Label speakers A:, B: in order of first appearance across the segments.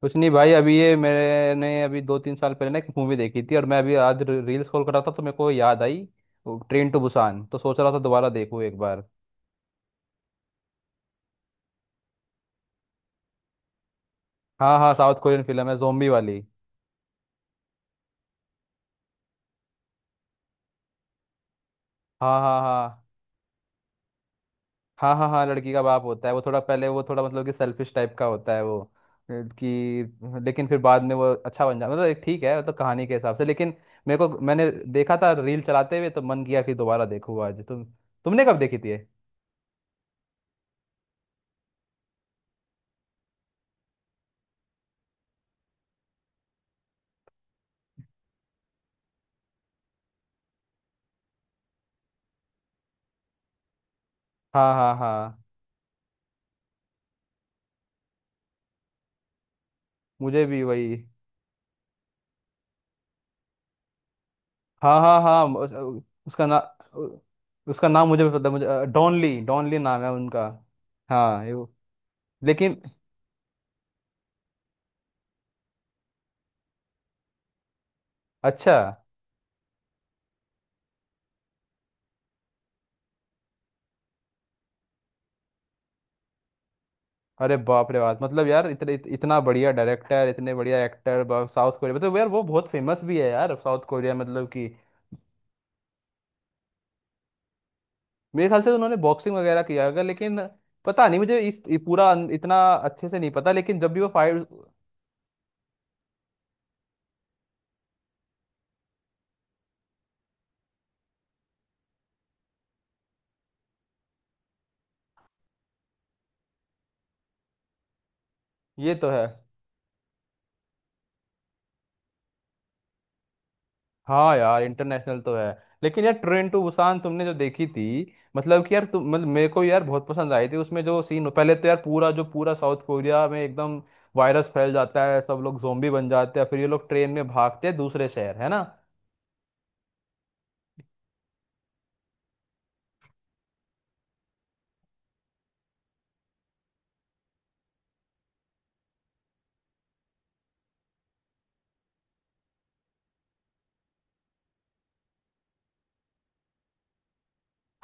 A: कुछ नहीं भाई। अभी ये मैंने अभी दो तीन साल पहले ना एक मूवी देखी थी, और मैं अभी आज रील स्क्रॉल कर रहा था तो मेरे को याद आई ट्रेन टू बुसान। तो सोच रहा था दोबारा देखूँ एक बार। हाँ हाँ, साउथ कोरियन फिल्म है, जोम्बी वाली। हाँ हाँ हाँ। हाँ हाँ हाँ, लड़की का बाप होता है वो। थोड़ा पहले वो थोड़ा मतलब कि सेल्फिश टाइप का होता है वो अ, कि लेकिन फिर बाद में वो अच्छा बन जाता, मतलब एक ठीक है, मतलब कहानी के हिसाब से, लेकिन मेरे को मैंने देखा था रील चलाते हुए तो मन किया कि दोबारा देखूँ आज। तुमने कब देखी थी ये? हाँ हाँ हाँ। मुझे भी वही। हाँ हाँ हाँ, उसका ना, उसका नाम मुझे भी पता। मुझे डॉनली, डॉनली नाम है उनका। हाँ ये लेकिन, अच्छा। अरे बाप रे बाप, मतलब यार इतने, इतना बढ़िया डायरेक्टर, इतने बढ़िया एक्टर। साउथ कोरिया मतलब यार वो बहुत फेमस भी है यार, साउथ कोरिया मतलब कि, मेरे ख्याल से उन्होंने बॉक्सिंग वगैरह किया होगा, लेकिन पता नहीं। मुझे पूरा इतना अच्छे से नहीं पता, लेकिन जब भी वो फाइट। ये तो है। हाँ यार इंटरनेशनल तो है। लेकिन यार ट्रेन टू बुसान तुमने जो देखी थी, मतलब कि यार तुम, मतलब मेरे को यार बहुत पसंद आई थी, उसमें जो सीन पहले, तो यार पूरा, जो पूरा साउथ कोरिया में एकदम वायरस फैल जाता है, सब लोग जोम्बी बन जाते हैं, फिर ये लोग ट्रेन में भागते हैं दूसरे शहर, है ना।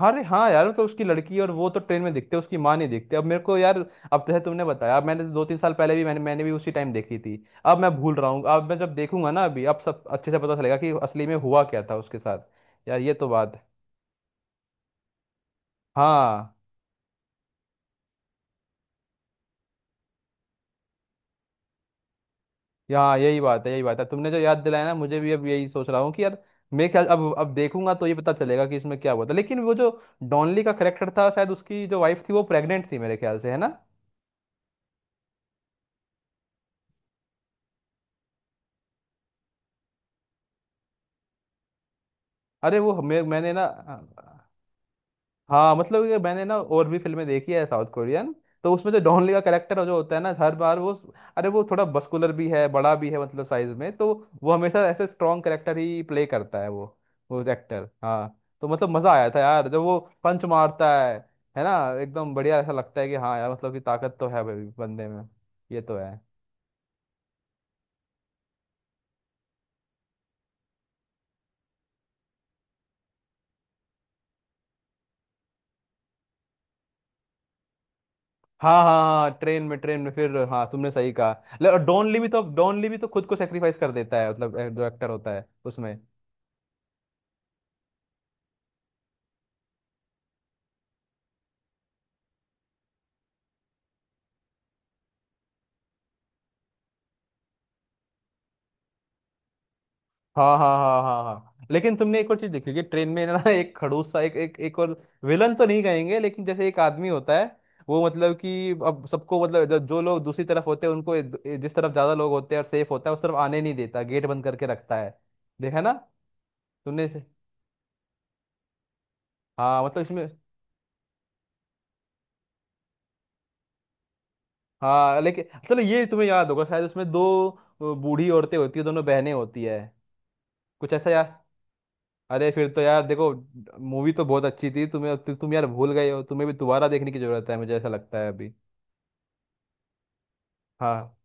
A: हाँ रे हाँ यार, तो उसकी लड़की और वो तो ट्रेन में दिखते हैं, उसकी माँ नहीं दिखती। अब मेरे को यार अब जैसे तुमने बताया, अब मैंने दो तीन साल पहले भी मैंने मैंने भी उसी टाइम देखी थी। अब मैं भूल रहा हूँ, अब मैं जब देखूंगा ना अभी, अब सब अच्छे से पता चलेगा कि असली में हुआ क्या था उसके साथ। यार ये तो बात है। हाँ, यहाँ यही बात है, यही बात है, तुमने जो याद दिलाया ना, मुझे भी अब यही सोच रहा हूँ कि यार मैं ख्याल, अब देखूंगा तो ये पता चलेगा कि इसमें क्या हुआ था। लेकिन वो जो डॉनली का करेक्टर था, शायद उसकी जो वाइफ थी वो प्रेग्नेंट थी मेरे ख्याल से, है ना। अरे वो, मैंने ना। हाँ मतलब कि मैंने ना और भी फिल्में देखी है साउथ कोरियन। तो उसमें जो डॉन ली का कैरेक्टर जो होता है ना, हर बार वो, अरे वो थोड़ा बस्कुलर भी है, बड़ा भी है, मतलब साइज में तो, वो हमेशा ऐसे स्ट्रॉन्ग कैरेक्टर ही प्ले करता है वो एक्टर। हाँ। तो मतलब मजा आया था यार जब वो पंच मारता है ना, एकदम बढ़िया। ऐसा लगता है कि हाँ यार, मतलब कि ताकत तो है भाई बंदे में। ये तो है। हाँ हाँ हाँ, ट्रेन में फिर। हाँ तुमने सही कहा। और डॉन ली भी तो खुद को सेक्रीफाइस कर देता है, मतलब जो एक्टर होता है उसमें। हाँ हाँ हाँ हाँ हाँ, लेकिन तुमने एक और चीज देखी होगी ट्रेन में ना एक खड़ूस सा, एक एक एक और विलन तो नहीं कहेंगे, लेकिन जैसे एक आदमी होता है, वो मतलब कि अब सबको, मतलब जो जो लोग दूसरी तरफ होते हैं उनको जिस तरफ ज्यादा लोग होते हैं और सेफ होता है, उस तरफ आने नहीं देता, गेट बंद करके रखता है। देखा ना तुमने इसे? हाँ मतलब इसमें, हाँ लेकिन चलो ये तुम्हें याद होगा शायद, उसमें दो बूढ़ी औरतें होती है, दोनों बहनें होती है, कुछ ऐसा याद। अरे फिर तो यार देखो, मूवी तो बहुत अच्छी थी, तुम्हें, तुम यार भूल गए हो, तुम्हें भी दोबारा देखने की जरूरत है मुझे ऐसा लगता है अभी। हाँ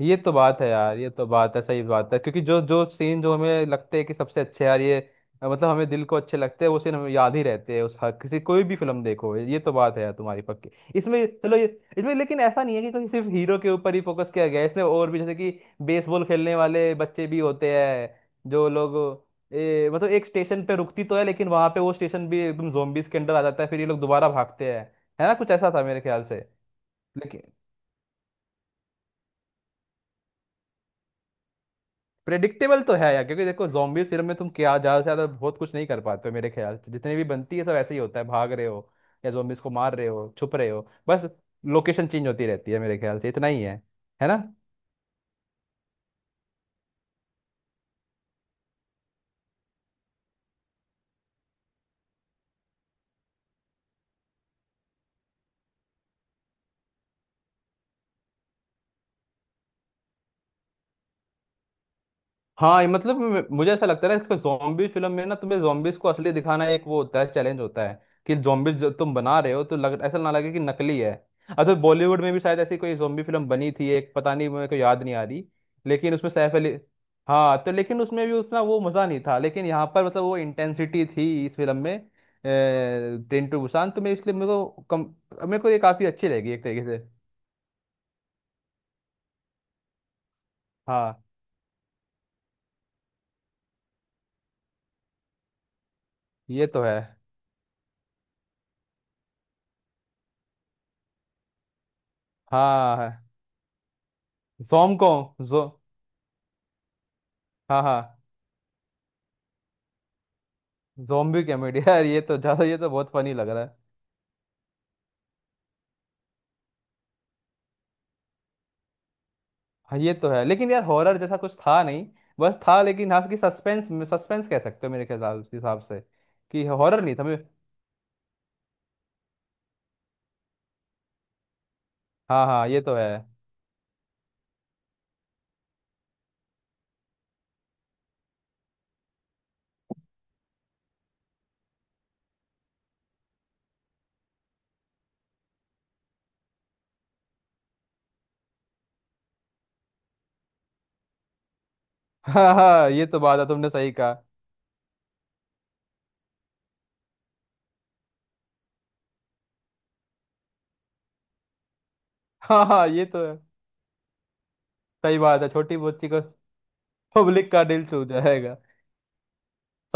A: ये तो बात है यार, ये तो बात है, सही बात है, क्योंकि जो जो सीन जो हमें लगते हैं कि सबसे अच्छे यार ये, मतलब हमें दिल को अच्छे लगते हैं, वो सीन हमें याद ही रहते हैं उस, हर किसी, कोई भी फिल्म देखो, ये तो बात है यार तुम्हारी पक्की। इसमें चलो ये, इसमें लेकिन ऐसा नहीं है कि कोई सिर्फ हीरो के ऊपर ही फोकस किया गया है इसमें, और भी जैसे कि बेसबॉल खेलने वाले बच्चे भी होते हैं, जो लोग, मतलब एक स्टेशन पे रुकती तो है, लेकिन वहां पे वो स्टेशन भी एकदम जोम्बीज के अंडर आ जाता है, फिर ये लोग दोबारा भागते हैं, है ना, कुछ ऐसा था मेरे ख्याल से। प्रेडिक्टेबल तो है यार, क्योंकि देखो, जॉम्बी फिल्म में तुम क्या ज्यादा से ज्यादा, बहुत कुछ नहीं कर पाते हो मेरे ख्याल से, जितने भी बनती है सब ऐसे ही होता है, भाग रहे हो या जॉम्बीज को मार रहे हो, छुप रहे हो बस। लोकेशन चेंज होती रहती है मेरे ख्याल से, इतना ही है ना। हाँ, ये मतलब मुझे ऐसा लगता है कि जॉम्बी फिल्म में ना तुम्हें जॉम्बीज को असली दिखाना, एक वो होता है चैलेंज होता है कि जॉम्बीज जो तुम बना रहे हो तो लग, ऐसा ना लगे कि नकली है। अच्छा, बॉलीवुड में भी शायद ऐसी कोई जॉम्बी फिल्म बनी थी एक, पता नहीं मेरे को याद नहीं आ रही। लेकिन उसमें सैफ अली, हाँ, तो लेकिन उसमें भी उतना वो मज़ा नहीं था, लेकिन यहाँ पर मतलब वो इंटेंसिटी थी इस फिल्म में, ट्रेन टू बुसान। तो मैं इसलिए मेरे को कम, मेरे को ये काफ़ी अच्छी लगी एक तरीके से। हाँ ये तो है। हाँ, जोमकॉम जो, हाँ हाँ, zombie कॉमेडी यार ये तो ज्यादा, ये तो बहुत फनी लग रहा है। हाँ ये तो है, लेकिन यार हॉरर जैसा कुछ था नहीं, बस था लेकिन हाँ कि सस्पेंस, सस्पेंस कह सकते हो मेरे ख्याल हिसाब से, कि हॉरर नहीं था। मैं, हाँ हाँ ये तो है हाँ हाँ ये तो बात है, तुमने सही कहा। हाँ हाँ ये तो है, सही बात है, छोटी बच्ची को, पब्लिक का दिल छू जाएगा।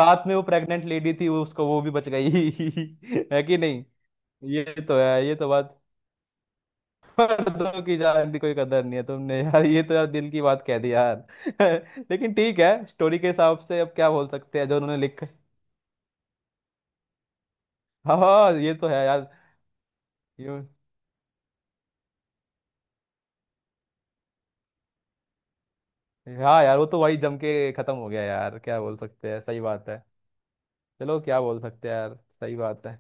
A: साथ में वो प्रेग्नेंट लेडी थी वो, उसको वो भी बच गई है कि नहीं। ये तो है, ये तो बात, दो की जान की कोई कदर नहीं है, तुमने यार ये तो यार दिल की बात कह दी यार लेकिन ठीक है, स्टोरी के हिसाब से अब क्या बोल सकते हैं, जो उन्होंने लिख हाँ हाँ ये तो है यार, ये, हाँ यार वो तो वही जम के खत्म हो गया यार, क्या बोल सकते हैं, सही बात है। चलो क्या बोल सकते हैं यार, सही बात है।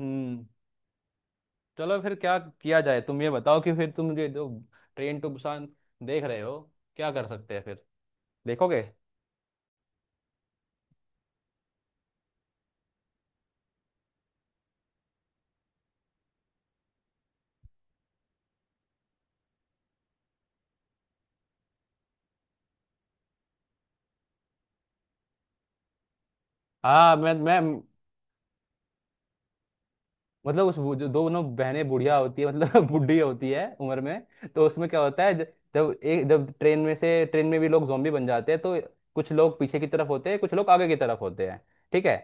A: हम्म। चलो फिर क्या किया जाए, तुम ये बताओ, कि फिर तुम ये जो ट्रेन टू बुसान देख रहे हो, क्या कर सकते हैं फिर, देखोगे? हाँ, मैं मतलब उस, वो जो दोनों बहनें बुढ़िया होती है, मतलब बुढ़ी होती है उम्र में, तो उसमें क्या होता है जब एक, जब ट्रेन में से, ट्रेन में भी लोग zombie बन जाते हैं, तो कुछ लोग पीछे की तरफ होते हैं, कुछ लोग आगे की तरफ होते हैं, ठीक है।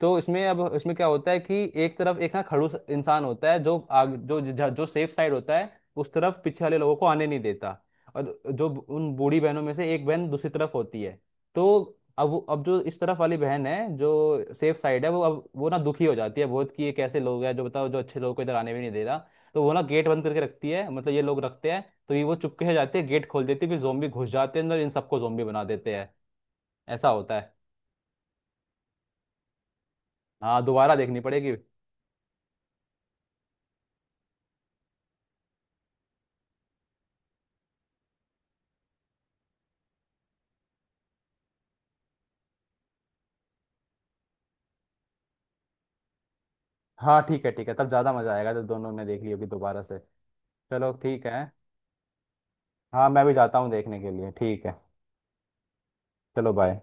A: तो इसमें अब, इसमें क्या होता है कि एक तरफ एक ना खड़ूस इंसान होता है जो जो जो सेफ साइड होता है, उस तरफ पीछे वाले लोगों को आने नहीं देता। और जो उन बूढ़ी बहनों में से एक बहन दूसरी तरफ होती है, तो अब अब जो इस तरफ वाली बहन है जो सेफ साइड है, वो अब, वो ना दुखी हो जाती है बहुत कि ये कैसे लोग हैं जो, बताओ, जो अच्छे लोगों को इधर आने भी नहीं दे रहा। तो वो ना गेट बंद करके रखती है, मतलब ये लोग रखते हैं। तो ये वो चुपके से जाते हैं, गेट खोल देती है, फिर जोम्बी घुस जाते हैं अंदर, इन सबको जोम्बी बना देते हैं, ऐसा होता है। हाँ दोबारा देखनी पड़ेगी। हाँ ठीक है ठीक है, तब ज़्यादा मज़ा आएगा जब दोनों ने देख ली होगी दोबारा से। चलो ठीक है। हाँ मैं भी जाता हूँ देखने के लिए, ठीक है। चलो बाय।